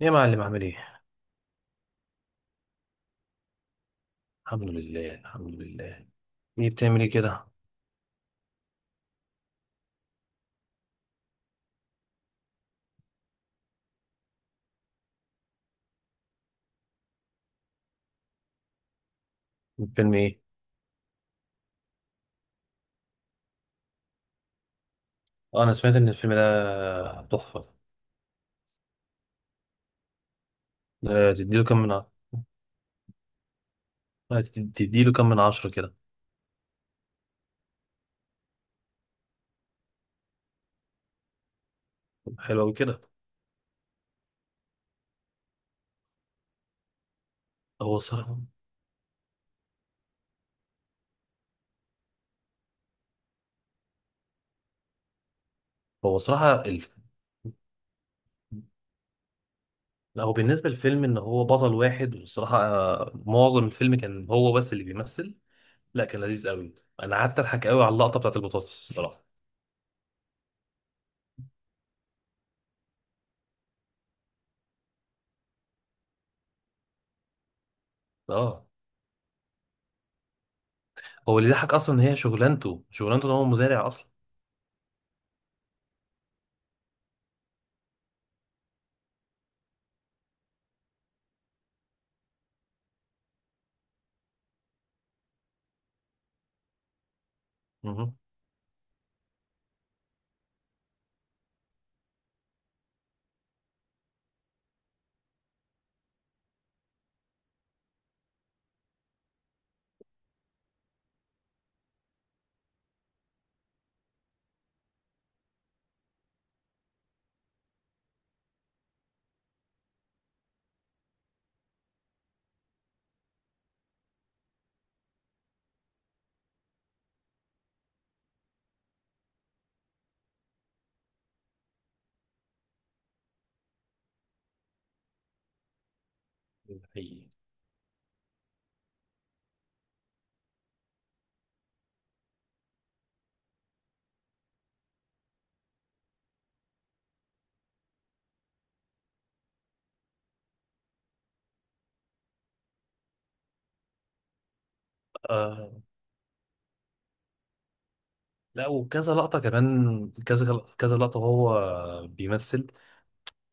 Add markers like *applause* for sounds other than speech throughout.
يا معلم، عامل ايه؟ الحمد لله، الحمد لله. ايه بتعمل ايه كده؟ الفيلم ايه؟ اه، انا سمعت ان الفيلم ده تحفة. ده تديله كام من 10 كده؟ حلو اوي كده. هو صراحة هو صراحة الف... لا هو بالنسبة للفيلم ان هو بطل واحد، والصراحة معظم الفيلم كان هو بس اللي بيمثل. لا، كان لذيذ قوي. انا قعدت اضحك قوي على اللقطة بتاعت البطاطس الصراحة. اه، هو اللي ضحك اصلا ان هي شغلانته شغلانته ان هو مزارع اصلا. مهم. ده حقيقي. آه، لا، وكذا لقطة كمان، كذا كذا لقطة وهو بيمثل.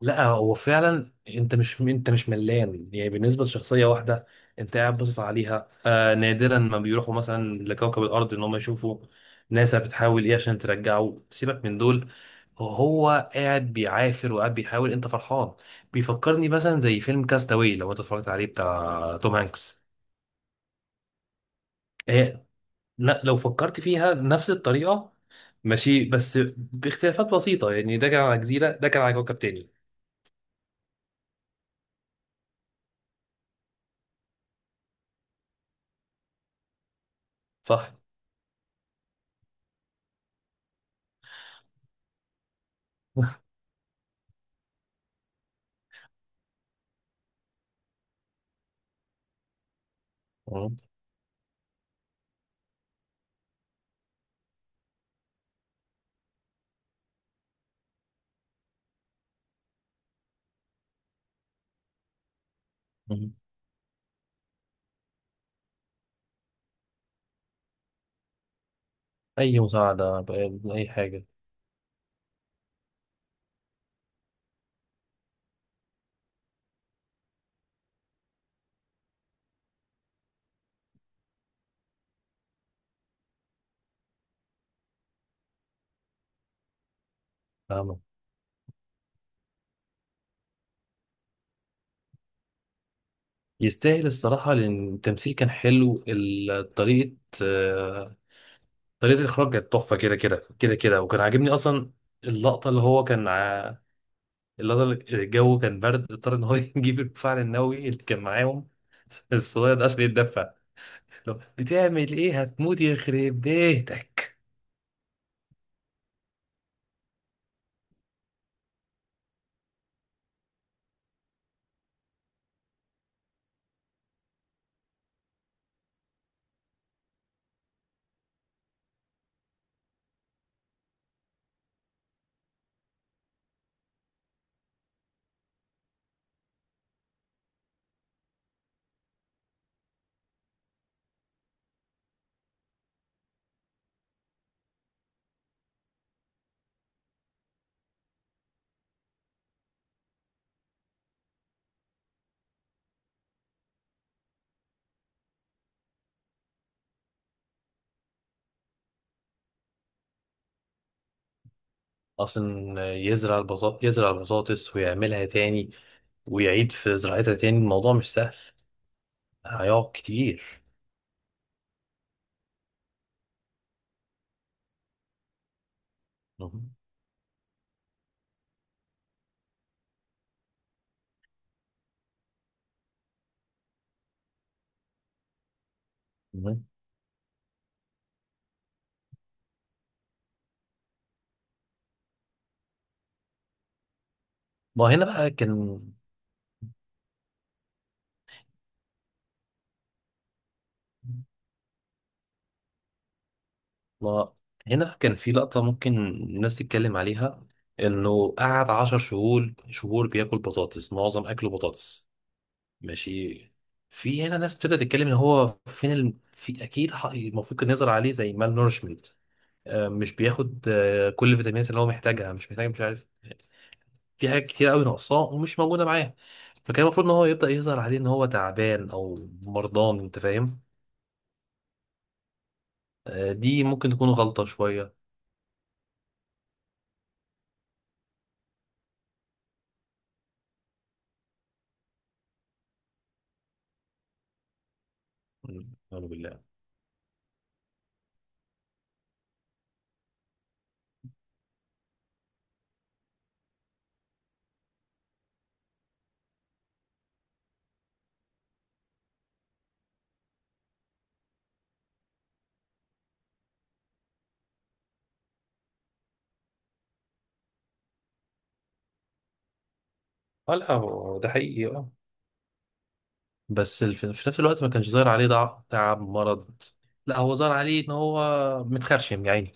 لا هو فعلا، انت مش ملان يعني بالنسبة لشخصية واحدة. انت قاعد باصص عليها، آه نادرا ما بيروحوا مثلا لكوكب الأرض ان هم يشوفوا ناسا بتحاول ايه عشان ترجعه، سيبك من دول. هو قاعد بيعافر وقاعد بيحاول، انت فرحان. بيفكرني مثلا زي فيلم كاستاوي لو انت اتفرجت عليه، بتاع توم هانكس. آه، لا، لو فكرت فيها نفس الطريقة، ماشي، بس باختلافات بسيطة، يعني ده كان على جزيرة، ده كان على كوكب تاني. صح. *laughs* مم. مم. أي مساعدة، أي حاجة. فاهمة. يستاهل الصراحة، لأن التمثيل كان حلو، طريقة، آه، طريقة الإخراج كانت تحفة كده كده كده كده، وكان عاجبني أصلا اللقطة اللي هو كان ع- اللقطة اللي الجو كان برد، اضطر إن هو *laughs* يجيب الفعل النووي اللي كان معاهم الصغير ده عشان يتدفى. لو بتعمل ايه، هتموت يخرب بيتك. اصلا يزرع يزرع البطاطس ويعملها تاني، ويعيد في زراعتها تاني، الموضوع مش سهل. هيقعد كتير. مهم. مهم. ما هنا بقى كان ما هنا بقى كان في لقطة ممكن الناس تتكلم عليها، انه قعد عشر شهور بياكل بطاطس، معظم اكله بطاطس. ماشي. في هنا ناس بتبدأ تتكلم ان هو فين ال... في اكيد ح- المفروض كان يزرع عليه زي مال نورشمنت، مش بياخد كل الفيتامينات اللي هو محتاجها، مش محتاج مش عارف، في حاجات كتير قوي ناقصاه ومش موجوده معاه، فكان المفروض ان هو يبدا يظهر عليه ان هو تعبان او مرضان، انت فاهم. دي ممكن تكون غلطه شويه. اعوذ بالله. اه، لا هو ده حقيقي، اه، بس في نفس الوقت ما كانش ظاهر عليه ضعف، تعب، مرض. لا هو ظهر عليه ان هو متخرشم يعني.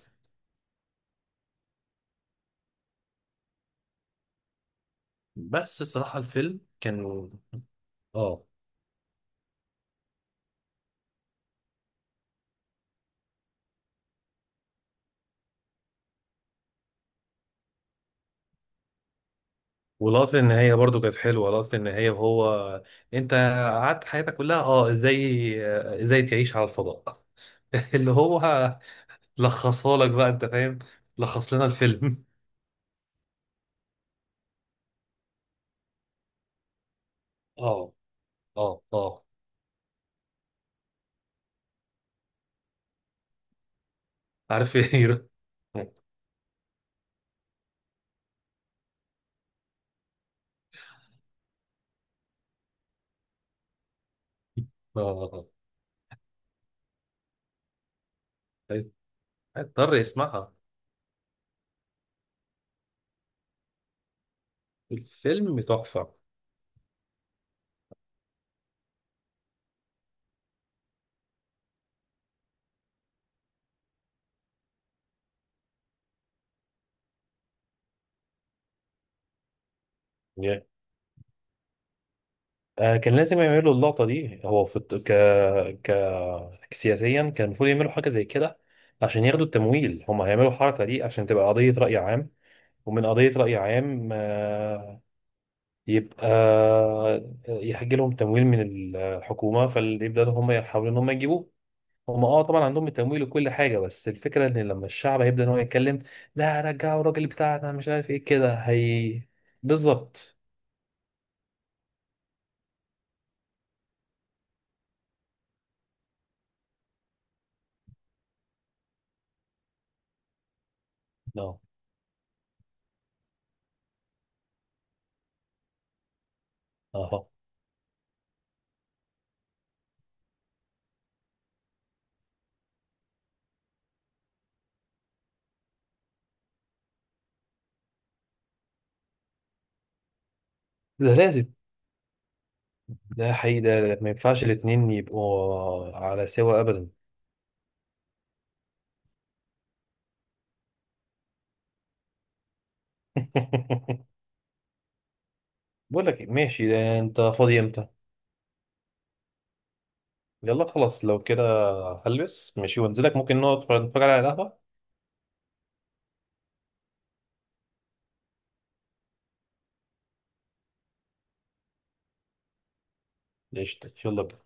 بس الصراحه الفيلم كان، اه، واللقطة النهاية برضو كانت حلوة، لقطة النهاية وهو، انت قعدت حياتك كلها، اه، ازاي تعيش على الفضاء، *laughs* اللي هو لخصها لك بقى انت فاهم، لخص لنا الفيلم. *laughs* اه. اه. اه، عارف ايه. *laughs* اه. آه، آه. هيضطر يسمعها. الفيلم تحفة. يعني، كان لازم يعملوا اللقطة دي، هو في ك سياسيا كان المفروض يعملوا حاجة زي كده، عشان ياخدوا التمويل. هم هيعملوا الحركة دي عشان تبقى قضية رأي عام. ومن قضية رأي عام، يبقى، يحج لهم تمويل من الحكومة، فيبدأوا هم يحاولوا إن هم يجيبوه. هم، اه، طبعا عندهم التمويل وكل حاجة، بس الفكرة إن لما الشعب هيبدأ إن هو يتكلم: لا، رجعوا الراجل بتاعنا، مش عارف إيه كده، هي. بالظبط. اه اه، ده لازم. ده حقيقي، ده ما ينفعش الاتنين يبقوا على سوا أبدا. *laughs* بقول لك إيه، ماشي، ده أنت فاضي إمتى؟ يلا خلاص لو كده هلبس ماشي وانزلك، ممكن نقعد نتفرج على القهوة. قشطة، يلا بينا.